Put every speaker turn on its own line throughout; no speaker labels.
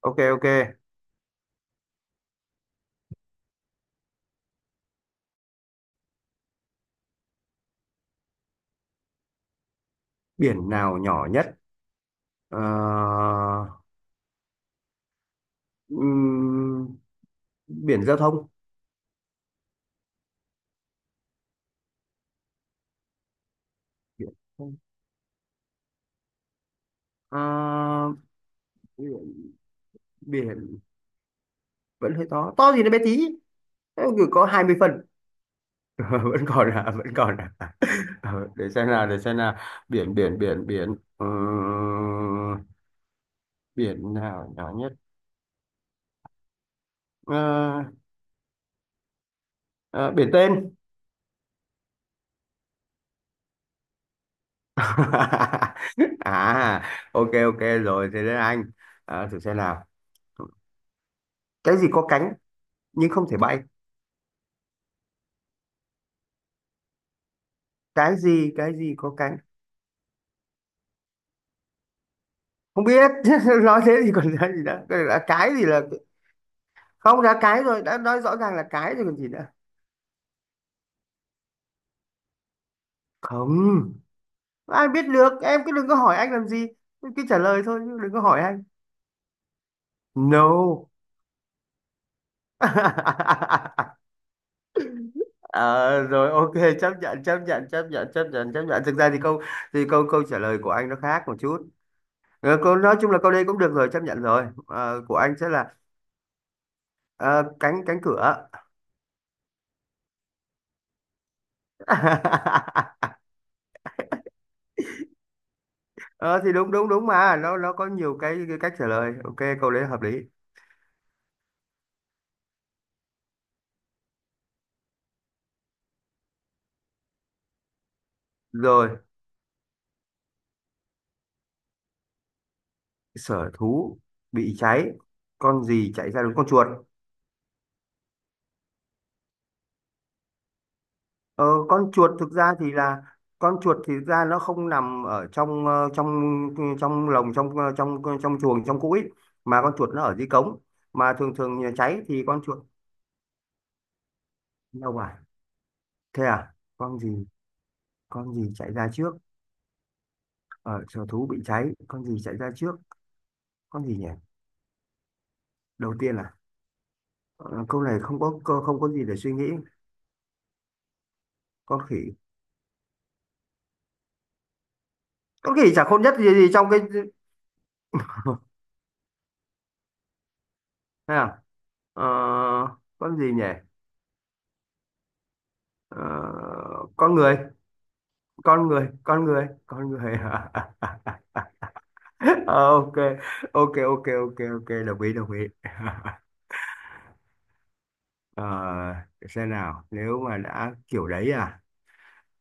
Ok, ok. Biển nào nhỏ nhất? Ờ, ừm, Biển giao thông. Biển, không. Ờ, biển, biển vẫn hơi to to thì nó bé tí. Thế mà có 20 phân. Vẫn còn là. Để xem nào, để xem nào. Biển biển biển biển Biển nào nhỏ nhất? Ờ, ờ, Biển tên. À, ok, ok rồi, thế đến anh. Thử xem nào. Cái gì có cánh nhưng không thể bay? Cái gì có cánh? Không biết. Nói thế thì còn ra gì nữa, cái này là cái gì là? Không, đã cái rồi, đã nói rõ ràng là cái rồi còn gì nữa? Không, ai biết được, em cứ đừng có hỏi anh làm gì, cứ trả lời thôi chứ đừng có hỏi anh. No. Ờ, Rồi, ok. Chấp nhận, chấp nhận, chấp nhận, chấp nhận, chấp nhận. Thực ra thì câu câu trả lời của anh nó khác một chút. Câu nói chung là câu đây cũng được rồi, chấp nhận rồi. Ờ, của anh sẽ là ờ, cánh cánh cửa. Ờ thì đúng, đúng, đúng, mà nó có nhiều cái cách trả lời. Ok, câu đấy hợp lý. Rồi, sở thú bị cháy, con gì chạy ra? Đúng, con chuột. Ờ, con chuột thực ra thì là con chuột thì thực ra nó không nằm ở trong, trong, trong lồng, trong trong trong chuồng, trong cũi, mà con chuột nó ở dưới cống. Mà thường thường nhà cháy thì con chuột. Đâu à? Thế à? Con gì chạy ra trước, ở sở thú bị cháy con gì chạy ra trước? Con gì nhỉ? Đầu tiên là... Ờ, Câu này không có không có gì để suy nghĩ. Con khỉ. Con khỉ chả khôn nhất gì trong cái... Thế nào? Ờ, con gì nhỉ? Ờ, con người, con người, con người, con người. Ờ, ok, ok, ok, ok, ok, đồng ý, đồng ý. Ờ, để xem nào, nếu mà đã kiểu đấy à,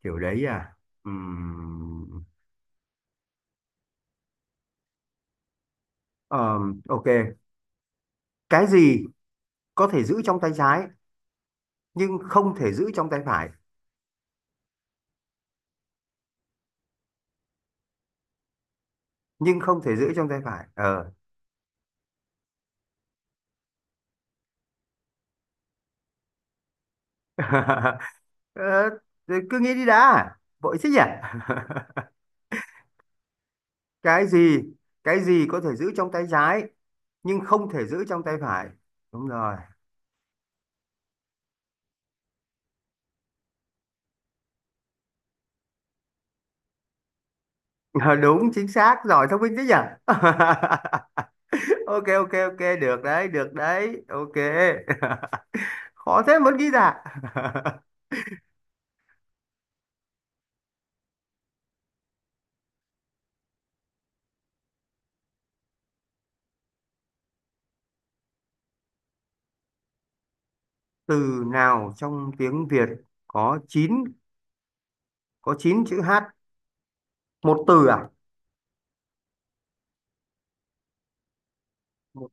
kiểu đấy à. Ừm, ok. Cái gì có thể giữ trong tay trái nhưng không thể giữ trong tay phải, nhưng không thể giữ trong tay phải. Ờ Ờ, thì cứ nghĩ đi đã, vội thế nhỉ. cái gì cái gì có thể giữ trong tay trái nhưng không thể giữ trong tay phải? Đúng rồi. Ờ, Đúng, chính xác, giỏi, thông minh thế nhỉ. Ok, ok, ok, được đấy, được đấy, ok. Khó thế, muốn ghi ra. Từ nào trong tiếng Việt có chín có chín chữ H? Một từ à? một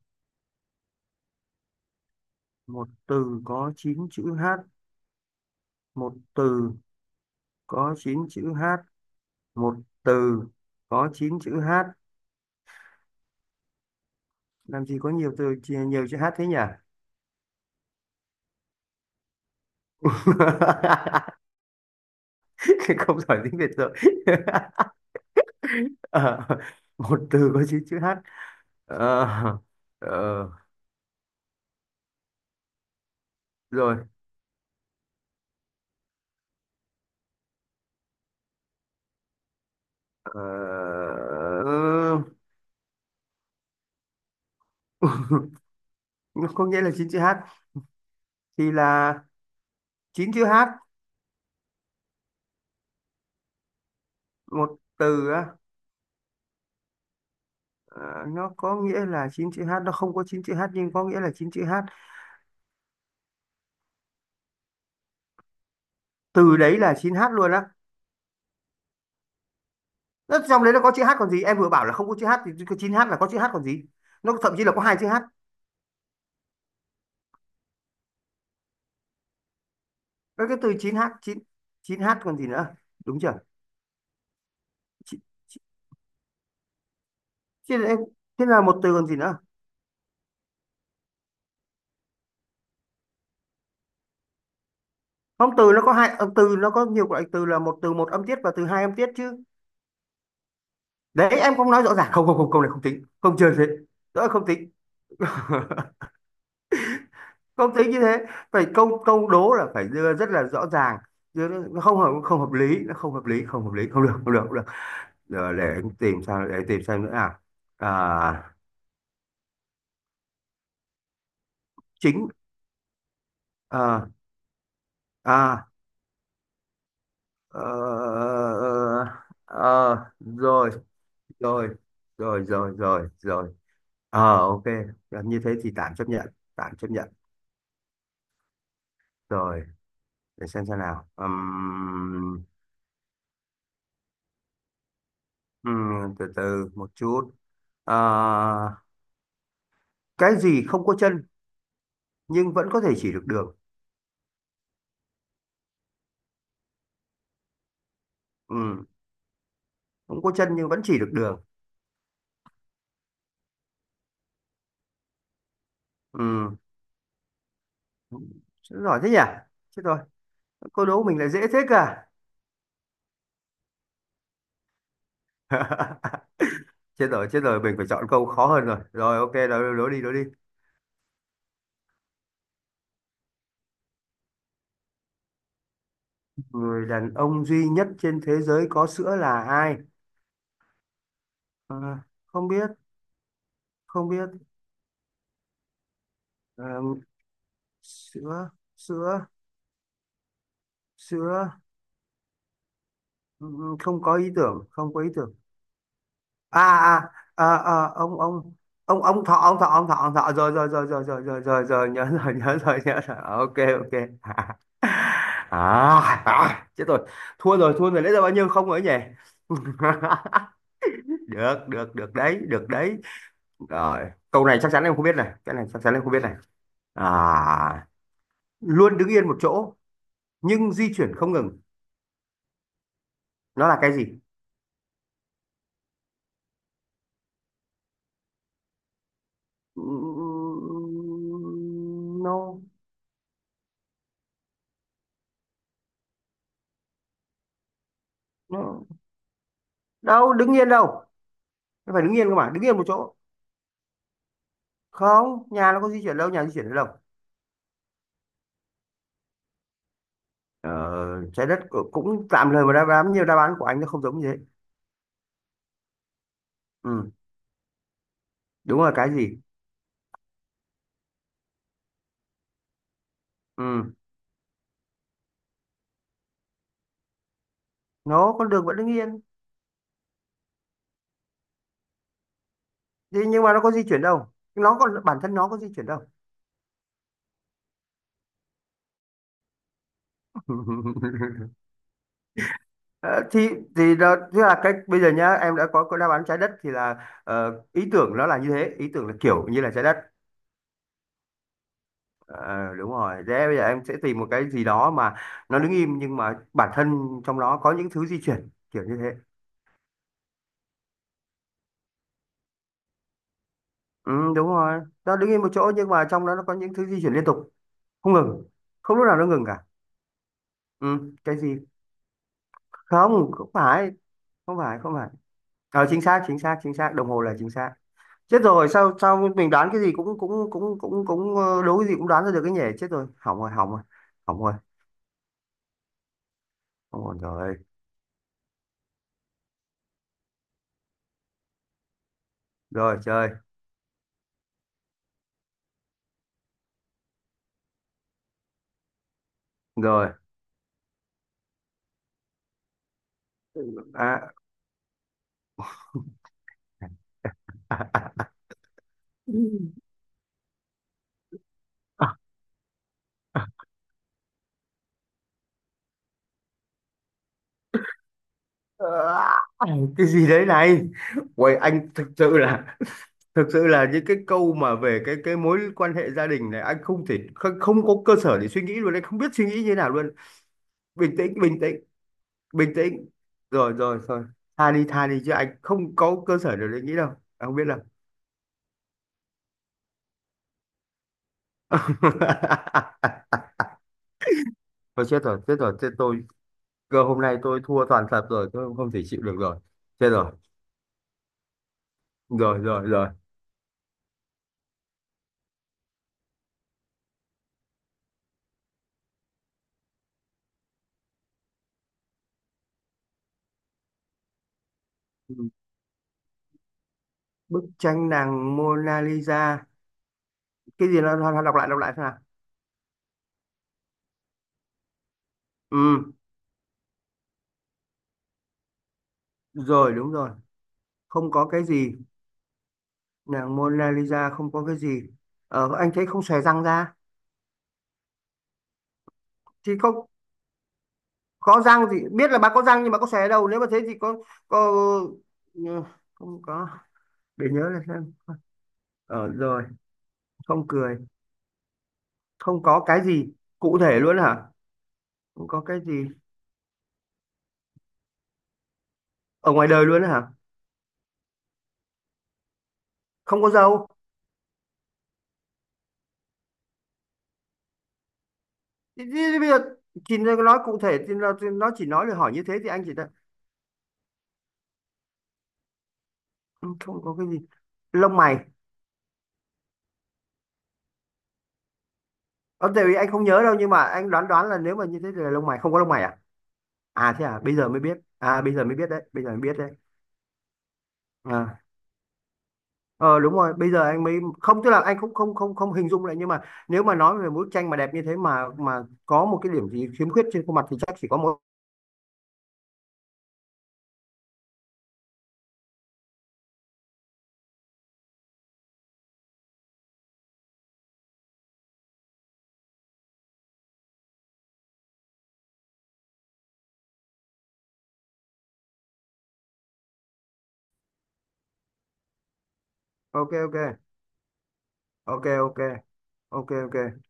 một từ có chín chữ H? Một từ có chín chữ H. Một từ có 9 chữ H. Làm gì có nhiều từ nhiều chữ H thế nhỉ? Không giỏi tiếng Việt rồi. Ờ, Một từ có 9 chữ H. Ờ, ờ, Rồi. Ờ, có nghĩa là chín chữ H thì là 9 chữ H? Một từ á? Ờ, nó có nghĩa là 9 chữ H, nó không có 9 chữ H nhưng có nghĩa là chín chữ H. Từ đấy là chín h luôn á? Nó trong đấy nó có chữ H còn gì? Em vừa bảo là không có chữ H thì cái chín h là có chữ H còn gì? Nó thậm chí là có hai chữ H. Nó cái từ 9H, chín h, chín chín h còn gì nữa? Đúng chưa? thế là thế là một từ còn gì nữa? Không, từ nó có hai âm, từ nó có nhiều loại, từ là một từ một âm tiết và từ hai âm tiết chứ. Đấy, em không nói rõ ràng. Không, không, không, câu này không tính, không chơi thế. Đó không tính. Không tính như thế. Phải, câu câu đố là phải đưa rất là rõ ràng. Đưa nó không hợp lý, nó không hợp lý, không hợp lý, không được, không được, không được. Để em tìm, sao để em tìm xem nữa? À, à chính, à, à, ờ, ờ, rồi, rồi, rồi, rồi, rồi, rồi, ok. Như thế thì tạm chấp nhận, tạm chấp nhận. Rồi, để xem nào. Từ từ một chút. à, cái gì không có chân nhưng vẫn có thể chỉ được đường? Ừm, Không có chân nhưng vẫn chỉ được đường. Ừm, Giỏi thế nhỉ, chết rồi, câu đố của mình lại dễ thế cả. Chết rồi, chết rồi, mình phải chọn câu khó hơn rồi, rồi ok. Đó, đó đi, đó đi. Người đàn ông duy nhất trên thế giới có sữa là ai? Ờ, Không biết, không biết. Ờ, Sữa, sữa, sữa. Ừ, ừ, không có ý tưởng, không có ý tưởng. À, à, à, à, ông thọ, ông thọ, ông thọ, ông thọ, rồi, rồi, rồi, rồi, rồi, rồi, rồi, rồi, nhớ rồi, nhớ rồi, nhớ rồi, ok, ok. À, à chết rồi, thua rồi, thua rồi, lấy ra bao nhiêu không rồi ấy nhỉ. Được, được, được đấy, được đấy. Rồi, câu này chắc chắn em không biết này, cái này chắc chắn em không biết này. À, luôn đứng yên một chỗ nhưng di chuyển không ngừng, nó là cái gì? Nó... No, đâu đứng yên đâu. Nó phải đứng yên cơ mà, đứng yên một chỗ. Không, nhà nó có di chuyển đâu, nhà di chuyển đến đâu? ờ, Trái đất cũng cũng tạm thời mà, đáp án, nhiều đáp án của anh nó không giống như thế. Ừ, đúng là cái gì? Ừ, nó con đường vẫn đứng yên, thế nhưng mà nó có di chuyển đâu, nó còn bản thân nó có di chuyển đâu. Ờ, thì thì đó tức là cách bây giờ nhá, em đã có đáp án trái đất thì là ý tưởng nó là như thế, ý tưởng là kiểu như là trái đất. Ờ, Đúng rồi, thế bây giờ em sẽ tìm một cái gì đó mà nó đứng im nhưng mà bản thân trong đó có những thứ di chuyển kiểu như thế. Ừ, đúng rồi, nó đứng im một chỗ nhưng mà trong đó nó có những thứ di chuyển liên tục không ngừng, không lúc nào nó ngừng cả. Ừ, cái gì? Không, không phải, không phải, không phải. Chính xác, chính xác, chính xác, đồng hồ là chính xác. Chết rồi, sao sao mình đoán cái gì cũng cũng cũng cũng cũng đố cái gì cũng đoán ra được cái nhỉ, chết rồi, hỏng rồi, hỏng rồi, hỏng rồi, hỏng rồi. Rồi, rồi chơi. Rồi. À, à, à, à, cái gì đấy này? Uầy, anh thực sự là, những cái câu mà về cái mối quan hệ gia đình này, anh không thể không, không có cơ sở để suy nghĩ luôn, anh không biết suy nghĩ như thế nào luôn. Bình tĩnh, bình tĩnh, bình tĩnh, rồi, rồi, rồi, tha đi, tha đi chứ anh không có cơ sở để suy nghĩ đâu, anh không biết đâu. Thôi chết rồi, chết rồi, chết tôi. Cơ hôm nay tôi thua toàn thật rồi, tôi không thể chịu được rồi. Chết rồi, rồi, rồi, rồi. Ừ. Bức tranh nàng Mona Lisa. Cái gì nó đọc lại xem nào. Ừ, rồi, đúng rồi. Không có cái gì. Nàng Mona Lisa không có cái gì. Anh thấy không xòe răng ra. Thì không có răng gì, biết là bà có răng nhưng mà có xòe đâu. Nếu mà thế thì có... Ừ, không có. Để nhớ là xem. Rồi, không cười. Không có cái gì. Cụ thể luôn hả? Không có cái gì ở ngoài đời luôn đó hả? Không có dâu. Thì bây giờ chị nói cụ thể thì thì nó chỉ nói là hỏi như thế thì anh chỉ đã. "Ừ, không có cái gì. Lông mày. Ở tại vì anh không nhớ đâu nhưng mà anh đoán đoán là nếu mà như thế thì là lông mày, không có lông mày à? À thế à, bây giờ mới biết, à bây giờ mới biết đấy, bây giờ mới biết đấy. À, ờ đúng rồi, bây giờ anh mới. Không, tức là anh cũng không không không hình dung lại, nhưng mà nếu mà nói về bức tranh mà đẹp như thế mà có một cái điểm gì khiếm khuyết trên khuôn mặt thì chắc chỉ có một. Ok, ok, ok, ok, ok, ok.